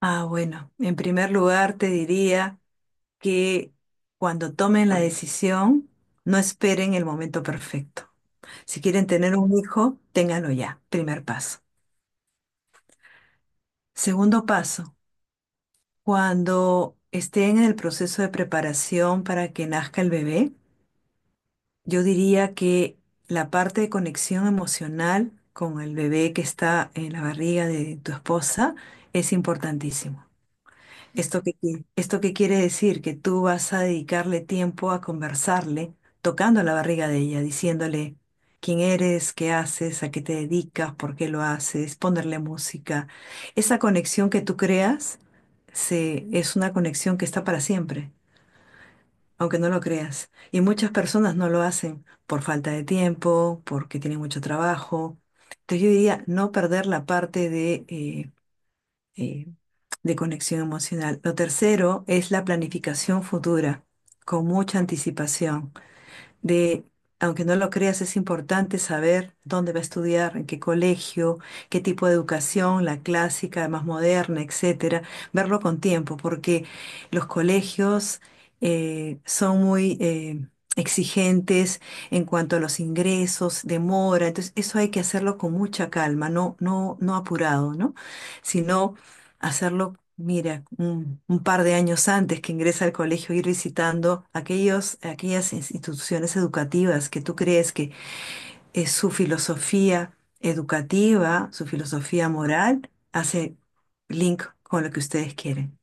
Ah, bueno, en primer lugar te diría que cuando tomen la decisión, no esperen el momento perfecto. Si quieren tener un hijo, ténganlo ya, primer paso. Segundo paso, cuando estén en el proceso de preparación para que nazca el bebé, yo diría que la parte de conexión emocional con el bebé que está en la barriga de tu esposa es importantísimo. ¿Esto qué quiere decir? Que tú vas a dedicarle tiempo a conversarle, tocando la barriga de ella, diciéndole quién eres, qué haces, a qué te dedicas, por qué lo haces, ponerle música. Esa conexión que tú creas es una conexión que está para siempre, aunque no lo creas. Y muchas personas no lo hacen por falta de tiempo, porque tienen mucho trabajo. Entonces yo diría no perder la parte eh, de conexión emocional. Lo tercero es la planificación futura, con mucha anticipación. De, aunque no lo creas, es importante saber dónde va a estudiar, en qué colegio, qué tipo de educación, la clásica, más moderna, etcétera. Verlo con tiempo, porque los colegios son muy exigentes en cuanto a los ingresos, demora, entonces eso hay que hacerlo con mucha calma, no, no, no apurado, ¿no? Sino hacerlo, mira, un par de años antes que ingresa al colegio, ir visitando aquellos, aquellas instituciones educativas que tú crees que es su filosofía educativa, su filosofía moral, hace link con lo que ustedes quieren.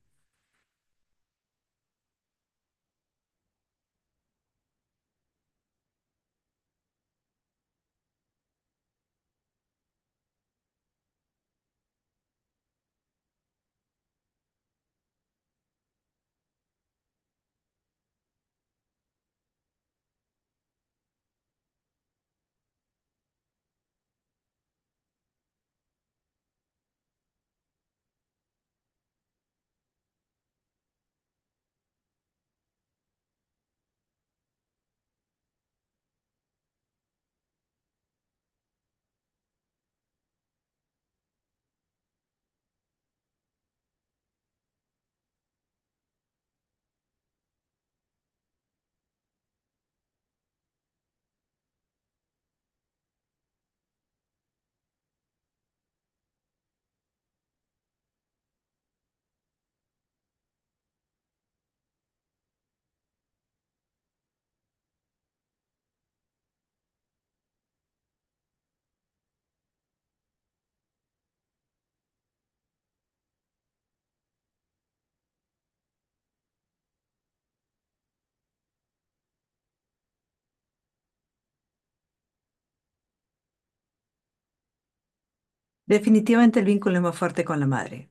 Definitivamente el vínculo es más fuerte con la madre.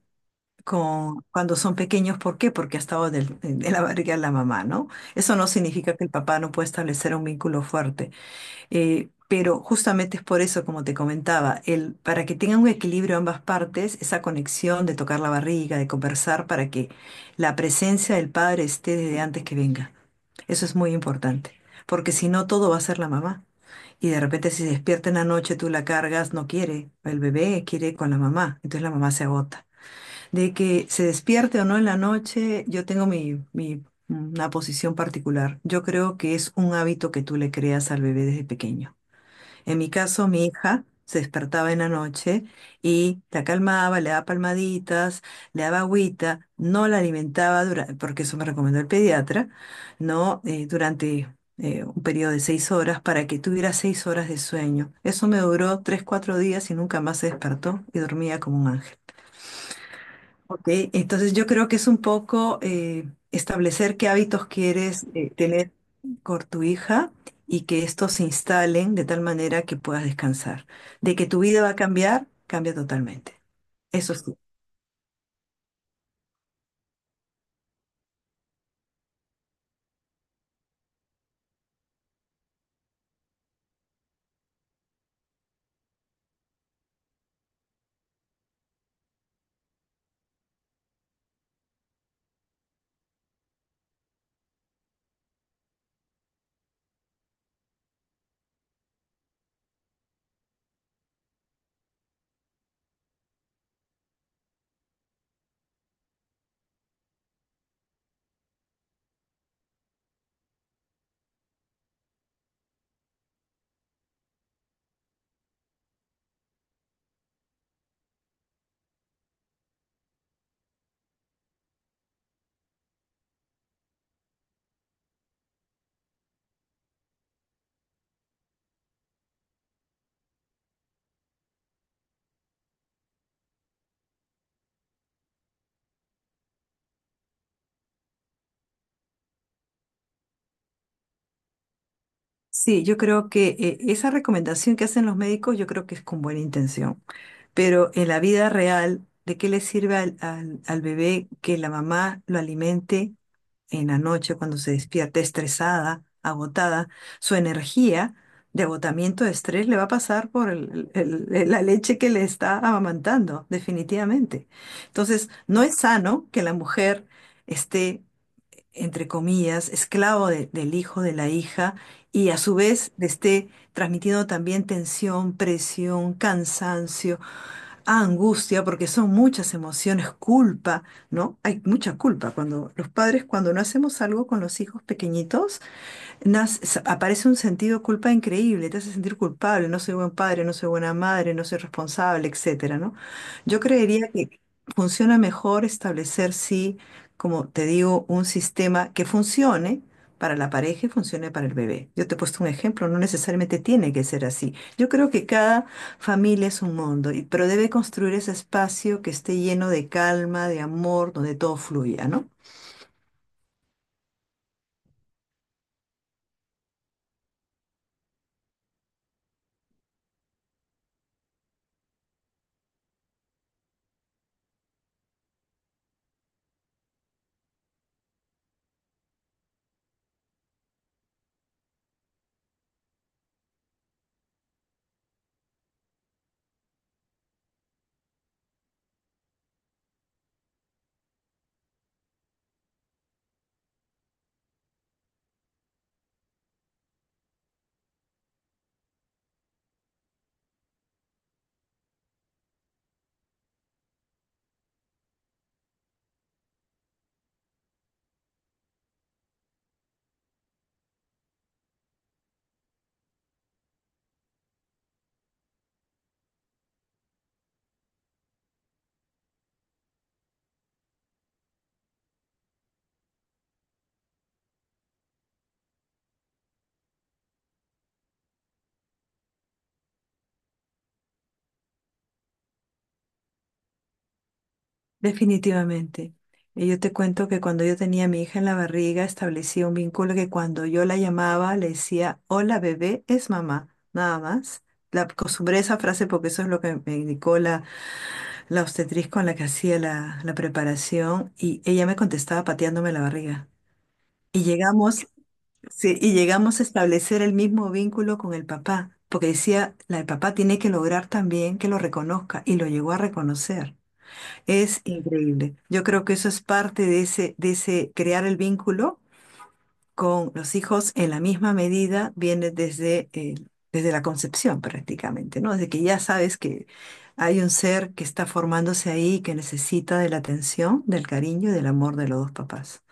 Con, cuando son pequeños, ¿por qué? Porque ha estado en la barriga de la mamá, ¿no? Eso no significa que el papá no pueda establecer un vínculo fuerte. Pero justamente es por eso, como te comentaba, el, para que tengan un equilibrio ambas partes, esa conexión de tocar la barriga, de conversar, para que la presencia del padre esté desde antes que venga. Eso es muy importante, porque si no, todo va a ser la mamá. Y de repente si se despierta en la noche, tú la cargas, no quiere. El bebé quiere con la mamá. Entonces la mamá se agota. De que se despierte o no en la noche, yo tengo una posición particular. Yo creo que es un hábito que tú le creas al bebé desde pequeño. En mi caso, mi hija se despertaba en la noche y la calmaba, le daba palmaditas, le daba agüita, no la alimentaba, porque eso me recomendó el pediatra, ¿no? Durante un periodo de seis horas para que tuviera seis horas de sueño. Eso me duró tres, cuatro días y nunca más se despertó y dormía como un ángel. Ok, entonces yo creo que es un poco establecer qué hábitos quieres tener con tu hija y que estos se instalen de tal manera que puedas descansar. De que tu vida va a cambiar, cambia totalmente. Eso sí. Sí, yo creo que esa recomendación que hacen los médicos, yo creo que es con buena intención, pero en la vida real, ¿de qué le sirve al bebé que la mamá lo alimente en la noche cuando se despierte estresada, agotada, su energía de agotamiento, de estrés, le va a pasar por la leche que le está amamantando, definitivamente. Entonces, no es sano que la mujer esté, entre comillas, esclavo del hijo, de la hija, y a su vez le esté transmitiendo también tensión, presión, cansancio, angustia, porque son muchas emociones, culpa, ¿no? Hay mucha culpa cuando los padres, cuando no hacemos algo con los hijos pequeñitos, aparece un sentido de culpa increíble, te hace sentir culpable, no soy buen padre, no soy buena madre, no soy responsable, etcétera, ¿no? Yo creería que funciona mejor establecer, sí, como te digo, un sistema que funcione para la pareja y funcione para el bebé. Yo te he puesto un ejemplo, no necesariamente tiene que ser así. Yo creo que cada familia es un mundo, y pero debe construir ese espacio que esté lleno de calma, de amor, donde todo fluya, ¿no? Definitivamente. Y yo te cuento que cuando yo tenía a mi hija en la barriga, establecí un vínculo que cuando yo la llamaba, le decía, hola bebé, es mamá, nada más. La acostumbré a esa frase porque eso es lo que me indicó la obstetriz con la que hacía la preparación, y ella me contestaba pateándome la barriga. Y llegamos, sí, y llegamos a establecer el mismo vínculo con el papá, porque decía, el papá tiene que lograr también que lo reconozca, y lo llegó a reconocer. Es increíble. Yo creo que eso es parte de ese crear el vínculo con los hijos en la misma medida, viene desde la concepción prácticamente, ¿no? Desde que ya sabes que hay un ser que está formándose ahí, que necesita de la atención, del cariño y del amor de los dos papás.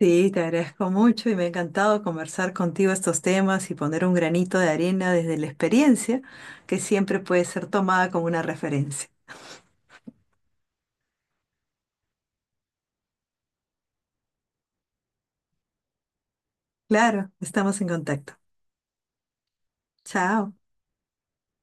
Sí, te agradezco mucho y me ha encantado conversar contigo estos temas y poner un granito de arena desde la experiencia, que siempre puede ser tomada como una referencia. Claro, estamos en contacto. Chao.